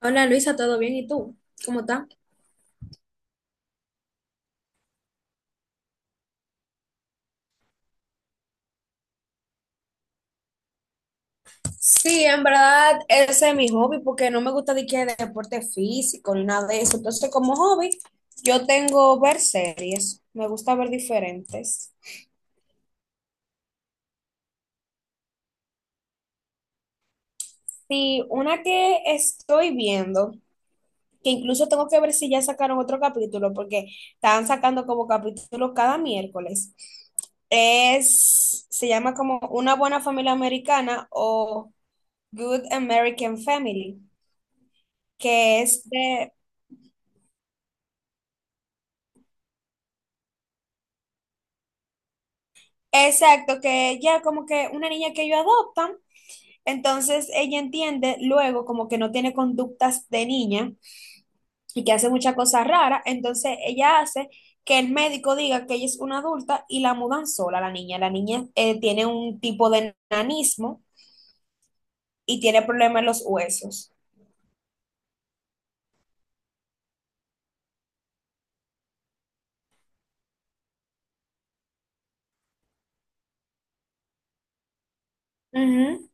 Hola Luisa, ¿todo bien? ¿Y tú? ¿Cómo estás? Sí, en verdad ese es mi hobby porque no me gusta de que deporte físico ni nada de eso. Entonces, como hobby, yo tengo ver series, me gusta ver diferentes. Sí, una que estoy viendo, que incluso tengo que ver si ya sacaron otro capítulo porque estaban sacando como capítulos cada miércoles. Es, se llama como Una buena familia americana o Good American Family, que es de... Exacto, que ella como que una niña que ellos adoptan, entonces ella entiende luego como que no tiene conductas de niña y que hace muchas cosas raras, entonces ella hace que el médico diga que ella es una adulta y la mudan sola a la niña. La niña tiene un tipo de nanismo y tiene problemas en los huesos. Ujú.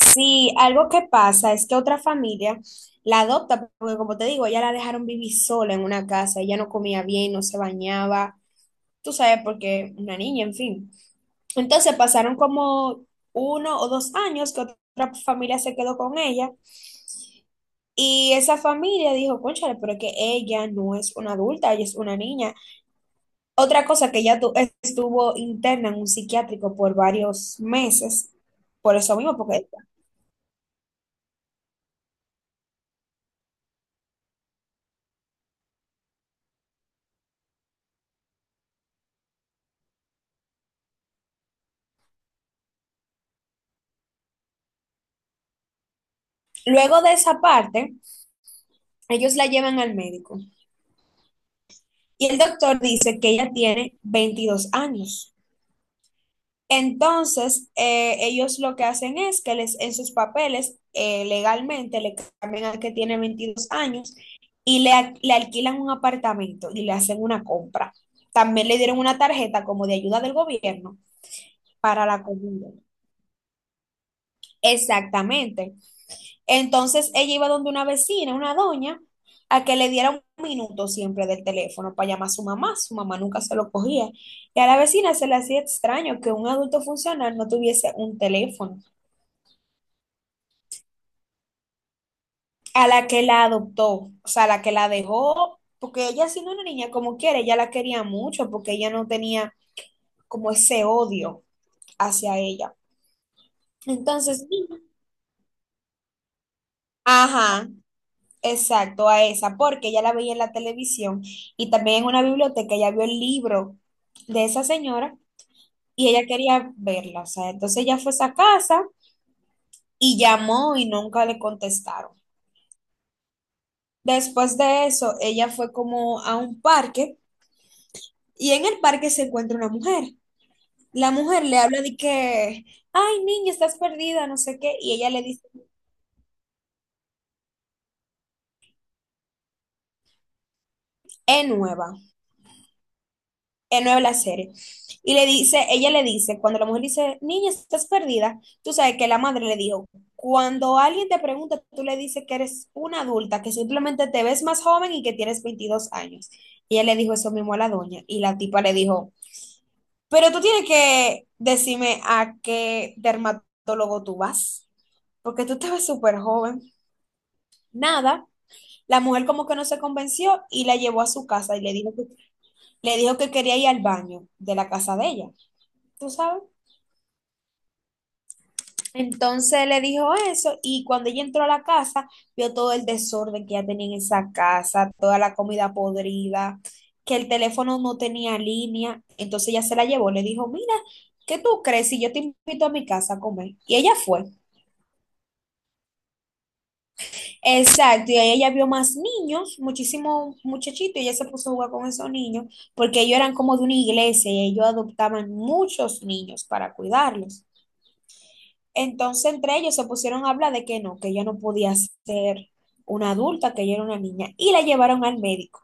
Sí, algo que pasa es que otra familia la adopta, porque como te digo, ella la dejaron vivir sola en una casa, ella no comía bien, no se bañaba, tú sabes, porque una niña, en fin. Entonces pasaron como 1 o 2 años que otra familia se quedó con ella y esa familia dijo, cónchale, pero es que ella no es una adulta, ella es una niña. Otra cosa que ella estuvo interna en un psiquiátrico por varios meses, por eso mismo, porque luego de esa parte, ellos la llevan al médico y el doctor dice que ella tiene 22 años. Entonces, ellos lo que hacen es que les, en sus papeles legalmente le cambian al que tiene 22 años y le, le alquilan un apartamento y le hacen una compra. También le dieron una tarjeta como de ayuda del gobierno para la comida. Exactamente. Entonces, ella iba donde una vecina, una doña, a que le diera un minuto siempre del teléfono para llamar a su mamá. Su mamá nunca se lo cogía. Y a la vecina se le hacía extraño que un adulto funcional no tuviese un teléfono. A la que la adoptó, o sea, a la que la dejó, porque ella siendo una niña como quiere, ella la quería mucho porque ella no tenía como ese odio hacia ella. Entonces, ajá, exacto, a esa, porque ella la veía en la televisión y también en una biblioteca, ella vio el libro de esa señora y ella quería verla, o sea, entonces ella fue a esa casa y llamó y nunca le contestaron. Después de eso, ella fue como a un parque y en el parque se encuentra una mujer. La mujer le habla de que, ay, niña, estás perdida, no sé qué, y ella le dice, es nueva, es nueva la serie. Y le dice, ella le dice, cuando la mujer dice, niña, estás perdida, tú sabes que la madre le dijo, cuando alguien te pregunta, tú le dices que eres una adulta, que simplemente te ves más joven y que tienes 22 años. Y ella le dijo eso mismo a la doña, y la tipa le dijo, pero tú tienes que decirme a qué dermatólogo tú vas, porque tú te ves súper joven. Nada, la mujer como que no se convenció y la llevó a su casa y le dijo que quería ir al baño de la casa de ella, ¿tú sabes? Entonces le dijo eso y cuando ella entró a la casa vio todo el desorden que ya tenía en esa casa, toda la comida podrida, que el teléfono no tenía línea, entonces ella se la llevó, le dijo, mira, ¿qué tú crees si yo te invito a mi casa a comer? Y ella fue. Exacto, y ahí ella vio más niños, muchísimos muchachitos, y ella se puso a jugar con esos niños, porque ellos eran como de una iglesia y ellos adoptaban muchos niños para cuidarlos. Entonces entre ellos se pusieron a hablar de que no, que ella no podía ser una adulta, que ella era una niña, y la llevaron al médico.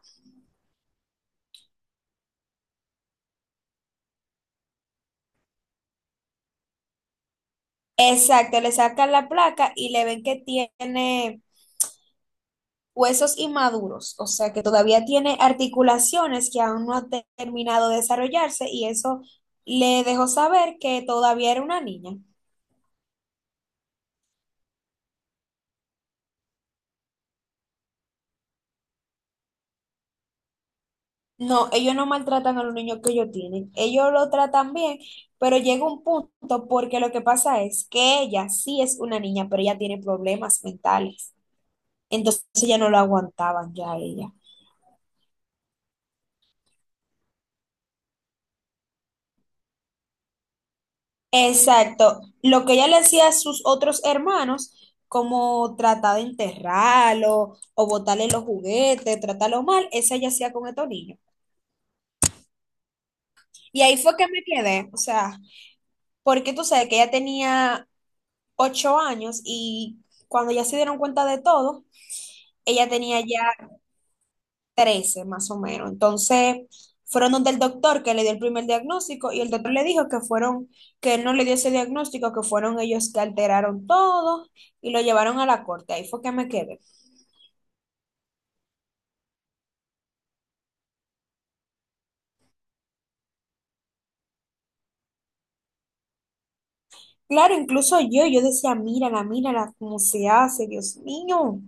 Exacto, le sacan la placa y le ven que tiene huesos inmaduros, o sea que todavía tiene articulaciones que aún no han terminado de desarrollarse y eso le dejó saber que todavía era una niña. No, ellos no maltratan a los niños que ellos tienen, ellos lo tratan bien, pero llega un punto porque lo que pasa es que ella sí es una niña, pero ella tiene problemas mentales, entonces ya no lo aguantaban ya a ella. Exacto. Lo que ella le hacía a sus otros hermanos, como tratar de enterrarlo o botarle los juguetes, tratarlo mal, esa ella hacía con estos niños. Y ahí fue que me quedé, o sea, porque tú sabes que ella tenía 8 años y cuando ya se dieron cuenta de todo, ella tenía ya 13 más o menos. Entonces, fueron donde el doctor que le dio el primer diagnóstico y el doctor le dijo que fueron, que él no le dio ese diagnóstico, que fueron ellos que alteraron todo y lo llevaron a la corte. Ahí fue que me quedé. Claro, incluso yo decía, mírala, mírala, cómo se hace, Dios mío.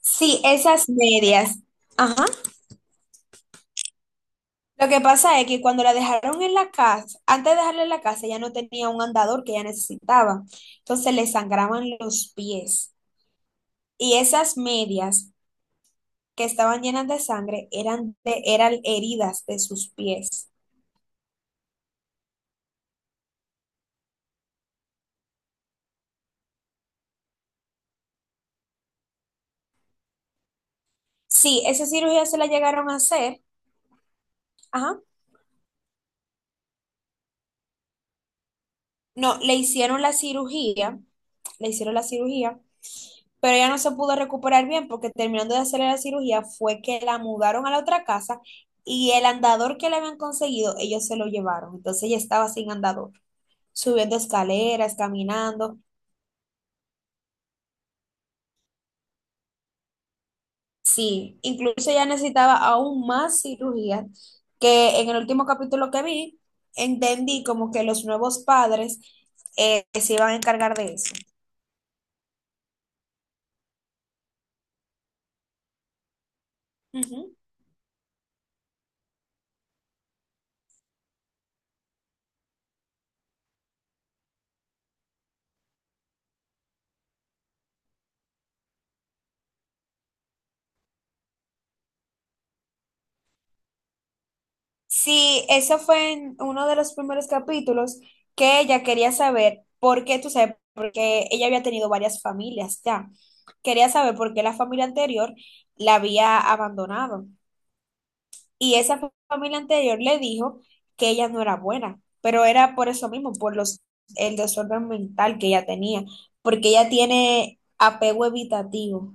Sí, esas medias. Ajá. Lo que pasa es que cuando la dejaron en la casa, antes de dejarla en la casa, ya no tenía un andador que ella necesitaba. Entonces le sangraban los pies. Y esas medias que estaban llenas de sangre eran, eran heridas de sus pies. Sí, esa cirugía se la llegaron a hacer. Ajá. No, le hicieron la cirugía, pero ella no se pudo recuperar bien porque terminando de hacerle la cirugía fue que la mudaron a la otra casa y el andador que le habían conseguido, ellos se lo llevaron. Entonces ella estaba sin andador, subiendo escaleras, caminando. Sí, incluso ella necesitaba aún más cirugía, que en el último capítulo que vi, entendí como que los nuevos padres se iban a encargar de eso. Ujú. Sí, eso fue en uno de los primeros capítulos que ella quería saber por qué, tú sabes, porque ella había tenido varias familias ya. Quería saber por qué la familia anterior la había abandonado. Y esa familia anterior le dijo que ella no era buena, pero era por eso mismo, por los, el desorden mental que ella tenía, porque ella tiene apego evitativo.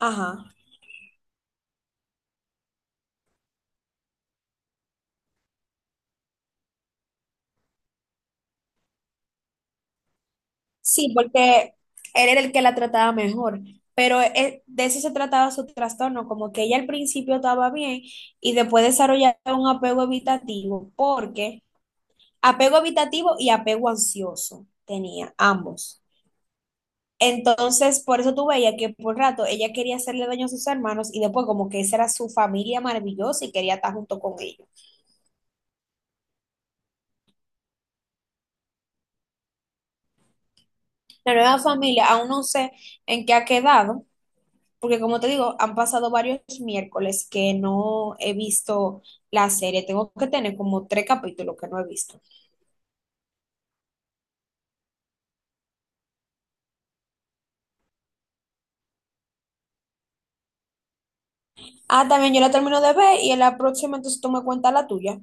Ajá. Sí, porque él era el que la trataba mejor, pero de eso se trataba su trastorno, como que ella al principio estaba bien y después desarrollaba un apego evitativo, porque apego evitativo y apego ansioso tenía ambos. Entonces, por eso tú veías que por rato ella quería hacerle daño a sus hermanos y después como que esa era su familia maravillosa y quería estar junto con ellos. La nueva familia, aún no sé en qué ha quedado, porque como te digo, han pasado varios miércoles que no he visto la serie. Tengo que tener como tres capítulos que no he visto. Ah, también yo la termino de ver y en la próxima entonces tú me cuentas la tuya.